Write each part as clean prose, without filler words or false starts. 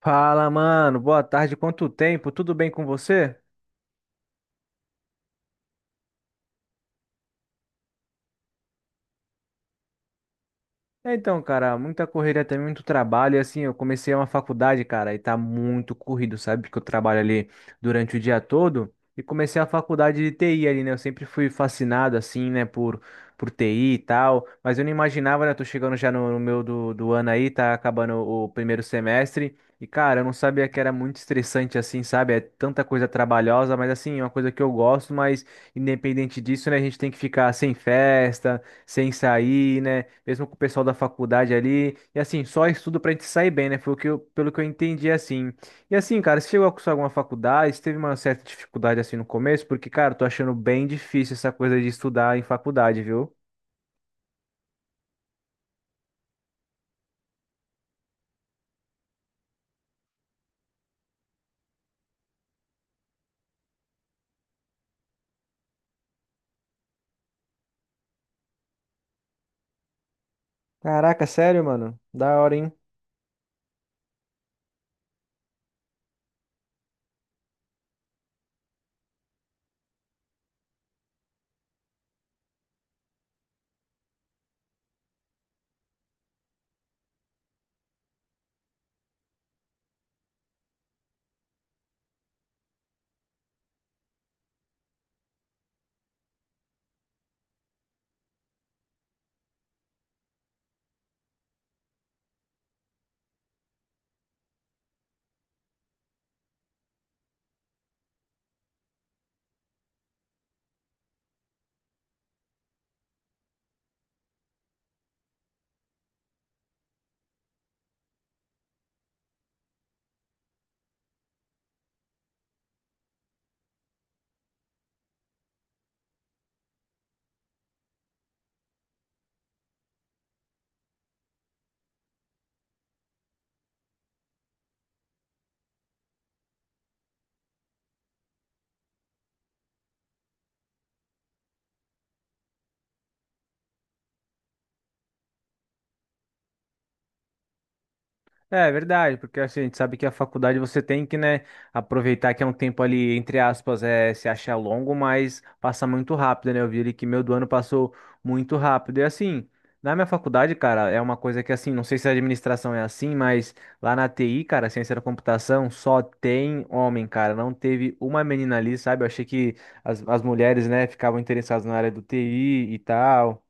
Fala, mano. Boa tarde. Quanto tempo? Tudo bem com você? Então, cara, muita correria também, muito trabalho. E assim, eu comecei uma faculdade, cara, e tá muito corrido, sabe? Porque eu trabalho ali durante o dia todo. E comecei a faculdade de TI ali, né? Eu sempre fui fascinado, assim, né, por TI e tal. Mas eu não imaginava, né? Eu tô chegando já no meu do ano aí, tá acabando o primeiro semestre. E, cara, eu não sabia que era muito estressante, assim, sabe? É tanta coisa trabalhosa, mas assim, é uma coisa que eu gosto, mas independente disso, né, a gente tem que ficar sem festa, sem sair, né? Mesmo com o pessoal da faculdade ali. E assim, só estudo pra gente sair bem, né? Foi o que eu, pelo que eu entendi, assim. E assim, cara, você chegou a cursar alguma faculdade? Você teve uma certa dificuldade assim no começo? Porque, cara, eu tô achando bem difícil essa coisa de estudar em faculdade, viu? Caraca, sério, mano? Da hora, hein? É verdade, porque assim, a gente sabe que a faculdade você tem que, né, aproveitar que é um tempo ali, entre aspas, é, se acha longo, mas passa muito rápido, né? Eu vi ali que meu do ano passou muito rápido. E assim, na minha faculdade, cara, é uma coisa que assim, não sei se a administração é assim, mas lá na TI, cara, ciência da computação, só tem homem, cara. Não teve uma menina ali, sabe? Eu achei que as mulheres, né, ficavam interessadas na área do TI e tal.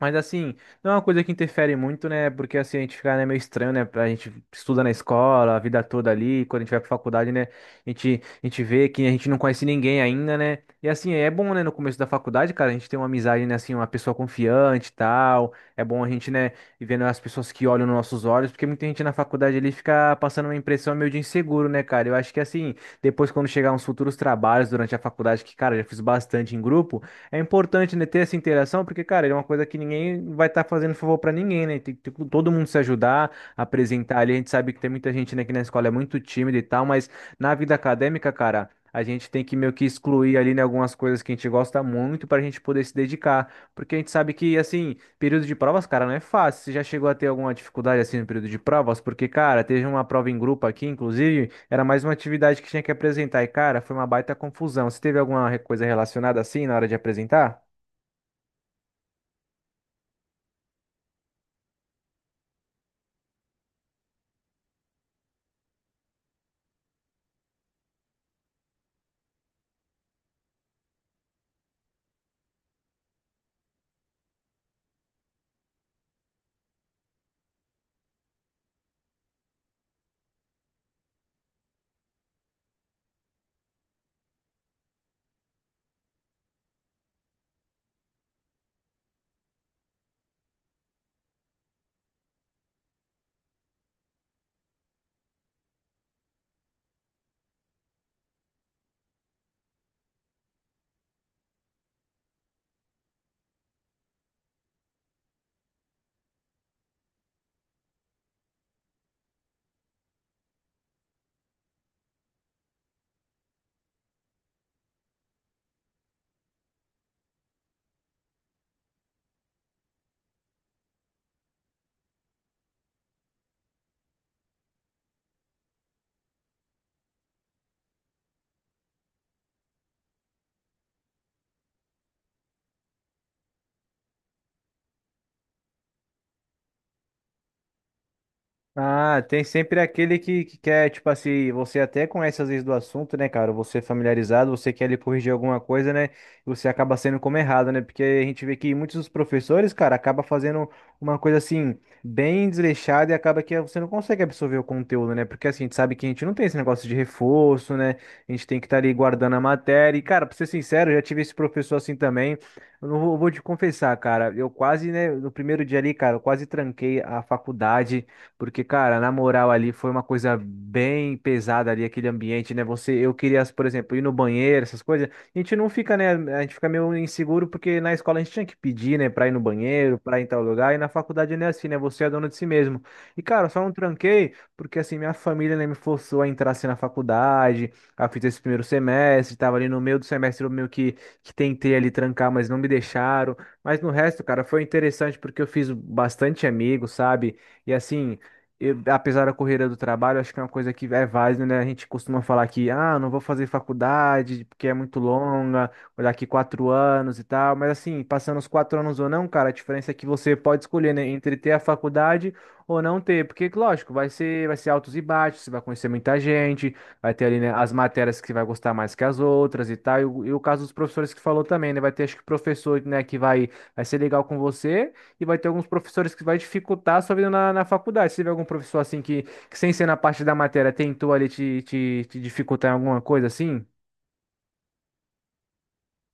Mas assim, não é uma coisa que interfere muito, né? Porque assim, a gente fica, né, meio estranho, né? A gente estuda na escola, a vida toda ali, quando a gente vai pra faculdade, né? A gente vê que a gente não conhece ninguém ainda, né? E assim, é bom, né, no começo da faculdade, cara, a gente tem uma amizade, né, assim, uma pessoa confiante e tal. É bom a gente, né, ir vendo as pessoas que olham nos nossos olhos, porque muita gente na faculdade ali fica passando uma impressão meio de inseguro, né, cara? Eu acho que assim, depois quando chegar uns futuros trabalhos durante a faculdade, que, cara, eu já fiz bastante em grupo. É importante, né, ter essa interação, porque, cara, é uma coisa que ninguém vai estar fazendo favor pra ninguém, né? Tem que ter todo mundo se ajudar, apresentar ali. A gente sabe que tem muita gente, né, que na escola é muito tímida e tal, mas na vida acadêmica, cara, a gente tem que meio que excluir ali, né, algumas coisas que a gente gosta muito pra gente poder se dedicar. Porque a gente sabe que, assim. Período de provas, cara, não é fácil. Você já chegou a ter alguma dificuldade assim no período de provas? Porque, cara, teve uma prova em grupo aqui, inclusive, era mais uma atividade que tinha que apresentar. E, cara, foi uma baita confusão. Você teve alguma coisa relacionada assim na hora de apresentar? Ah, tem sempre aquele que quer, tipo assim, você até conhece às vezes do assunto, né, cara? Você é familiarizado, você quer ali corrigir alguma coisa, né? E você acaba sendo como errado, né? Porque a gente vê que muitos dos professores, cara, acaba fazendo uma coisa assim, bem desleixada e acaba que você não consegue absorver o conteúdo, né? Porque assim, a gente sabe que a gente não tem esse negócio de reforço, né? A gente tem que estar ali guardando a matéria. E, cara, pra ser sincero, eu já tive esse professor assim também. Eu não vou, vou te confessar, cara. Eu quase, né, no primeiro dia ali, cara, eu quase tranquei a faculdade. Porque, cara, na moral ali foi uma coisa bem pesada ali, aquele ambiente, né? Você, eu queria, por exemplo, ir no banheiro, essas coisas. A gente não fica, né? A gente fica meio inseguro porque na escola a gente tinha que pedir, né, pra ir no banheiro, pra ir em tal lugar. E na faculdade não é assim, né? Você é dono de si mesmo. E, cara, eu só não tranquei porque, assim, minha família, né, me forçou a entrar assim na faculdade. Eu fiz esse primeiro semestre, tava ali no meio do semestre, eu meio que tentei ali trancar, mas não me deixaram. Mas no resto, cara, foi interessante porque eu fiz bastante amigos, sabe? E assim apesar da correria do trabalho, acho que é uma coisa que é válida, né? A gente costuma falar que, ah, não vou fazer faculdade porque é muito longa, vou daqui quatro anos e tal. Mas assim, passando os quatro anos ou não, cara, a diferença é que você pode escolher, né, entre ter a faculdade ou não ter. Porque, lógico, vai ser altos e baixos, você vai conhecer muita gente, vai ter ali, né, as matérias que você vai gostar mais que as outras e tal. E o caso dos professores que falou também, né? Vai ter, acho que, professor, né, que vai, vai ser legal com você e vai ter alguns professores que vai dificultar a sua vida na, na faculdade. Se tiver algum professor assim que sem ser na parte da matéria, tentou ali te dificultar em alguma coisa assim,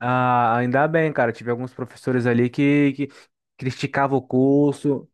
ah, ainda bem, cara. Tive alguns professores ali que criticavam o curso.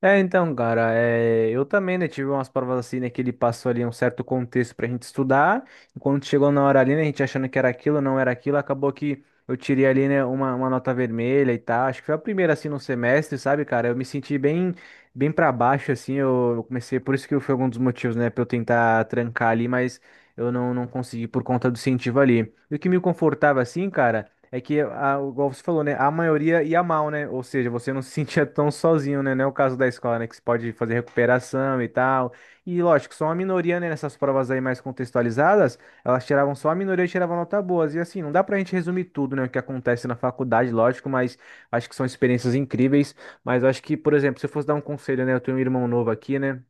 Então, cara, é, eu também, né, tive umas provas assim, né, que ele passou ali um certo contexto pra gente estudar, e quando chegou na hora ali, né, a gente achando que era aquilo, não era aquilo, acabou que eu tirei ali, né, uma nota vermelha e tal, acho que foi a primeira, assim, no semestre, sabe, cara, eu me senti bem, bem pra baixo, assim, eu comecei, por isso que foi um dos motivos, né, pra eu tentar trancar ali, mas eu não consegui por conta do incentivo ali. E o que me confortava, assim, cara... É que, a, igual você falou, né? A maioria ia mal, né? Ou seja, você não se sentia tão sozinho, né? Não é o caso da escola, né? Que você pode fazer recuperação e tal. E lógico, só uma minoria, né? Nessas provas aí mais contextualizadas, elas tiravam só a minoria e tiravam nota boas. E assim, não dá pra gente resumir tudo, né? O que acontece na faculdade, lógico, mas acho que são experiências incríveis. Mas eu acho que, por exemplo, se eu fosse dar um conselho, né? Eu tenho um irmão novo aqui, né?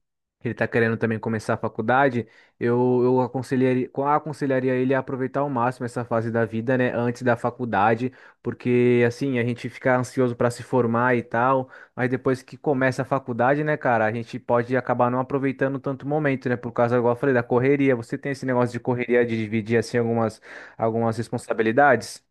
Ele tá querendo também começar a faculdade. Eu aconselharia, aconselharia ele a aproveitar ao máximo essa fase da vida, né, antes da faculdade, porque assim, a gente fica ansioso para se formar e tal, mas depois que começa a faculdade, né, cara, a gente pode acabar não aproveitando tanto o momento, né, por causa, igual eu falei, da correria. Você tem esse negócio de correria de dividir assim algumas responsabilidades?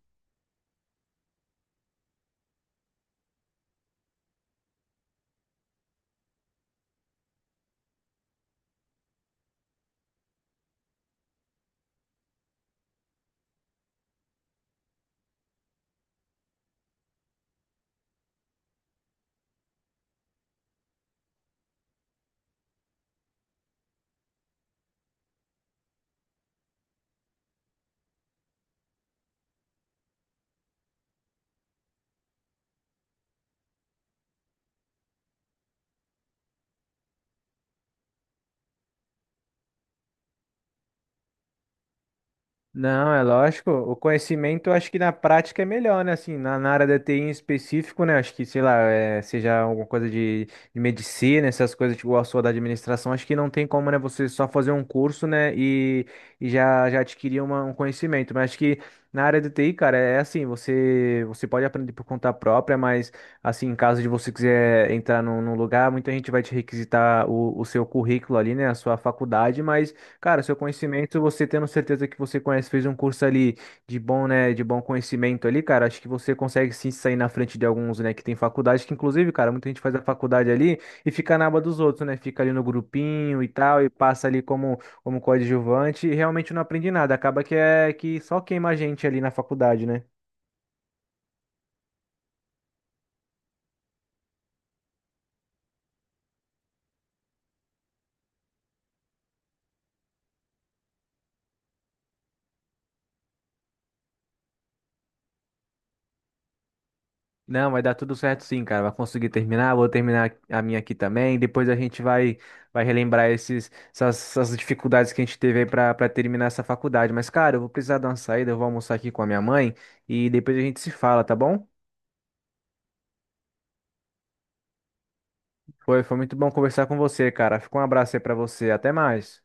Não, é lógico. O conhecimento, eu acho que na prática é melhor, né? Assim, na área da TI em específico, né? Acho que, sei lá, é, seja alguma coisa de medicina, essas coisas, tipo, a sua da administração, acho que não tem como, né? Você só fazer um curso, né? E já adquirir um conhecimento. Mas acho que na área da TI, cara, é assim, você pode aprender por conta própria, mas, assim, em caso de você quiser entrar num lugar, muita gente vai te requisitar o seu currículo ali, né? A sua faculdade, mas. Cara, seu conhecimento, você tendo certeza que você conhece, fez um curso ali de bom, né, de bom conhecimento ali, cara, acho que você consegue sim sair na frente de alguns, né, que tem faculdade, que inclusive, cara, muita gente faz a faculdade ali e fica na aba dos outros, né, fica ali no grupinho e tal, e passa ali como, como coadjuvante e realmente não aprende nada, acaba que é que só queima a gente ali na faculdade, né? Não, vai dar tudo certo sim, cara. Vai conseguir terminar. Vou terminar a minha aqui também. Depois a gente vai, vai relembrar esses, essas, essas dificuldades que a gente teve aí pra, pra terminar essa faculdade. Mas, cara, eu vou precisar dar uma saída. Eu vou almoçar aqui com a minha mãe e depois a gente se fala, tá bom? Foi muito bom conversar com você, cara. Fica um abraço aí pra você. Até mais.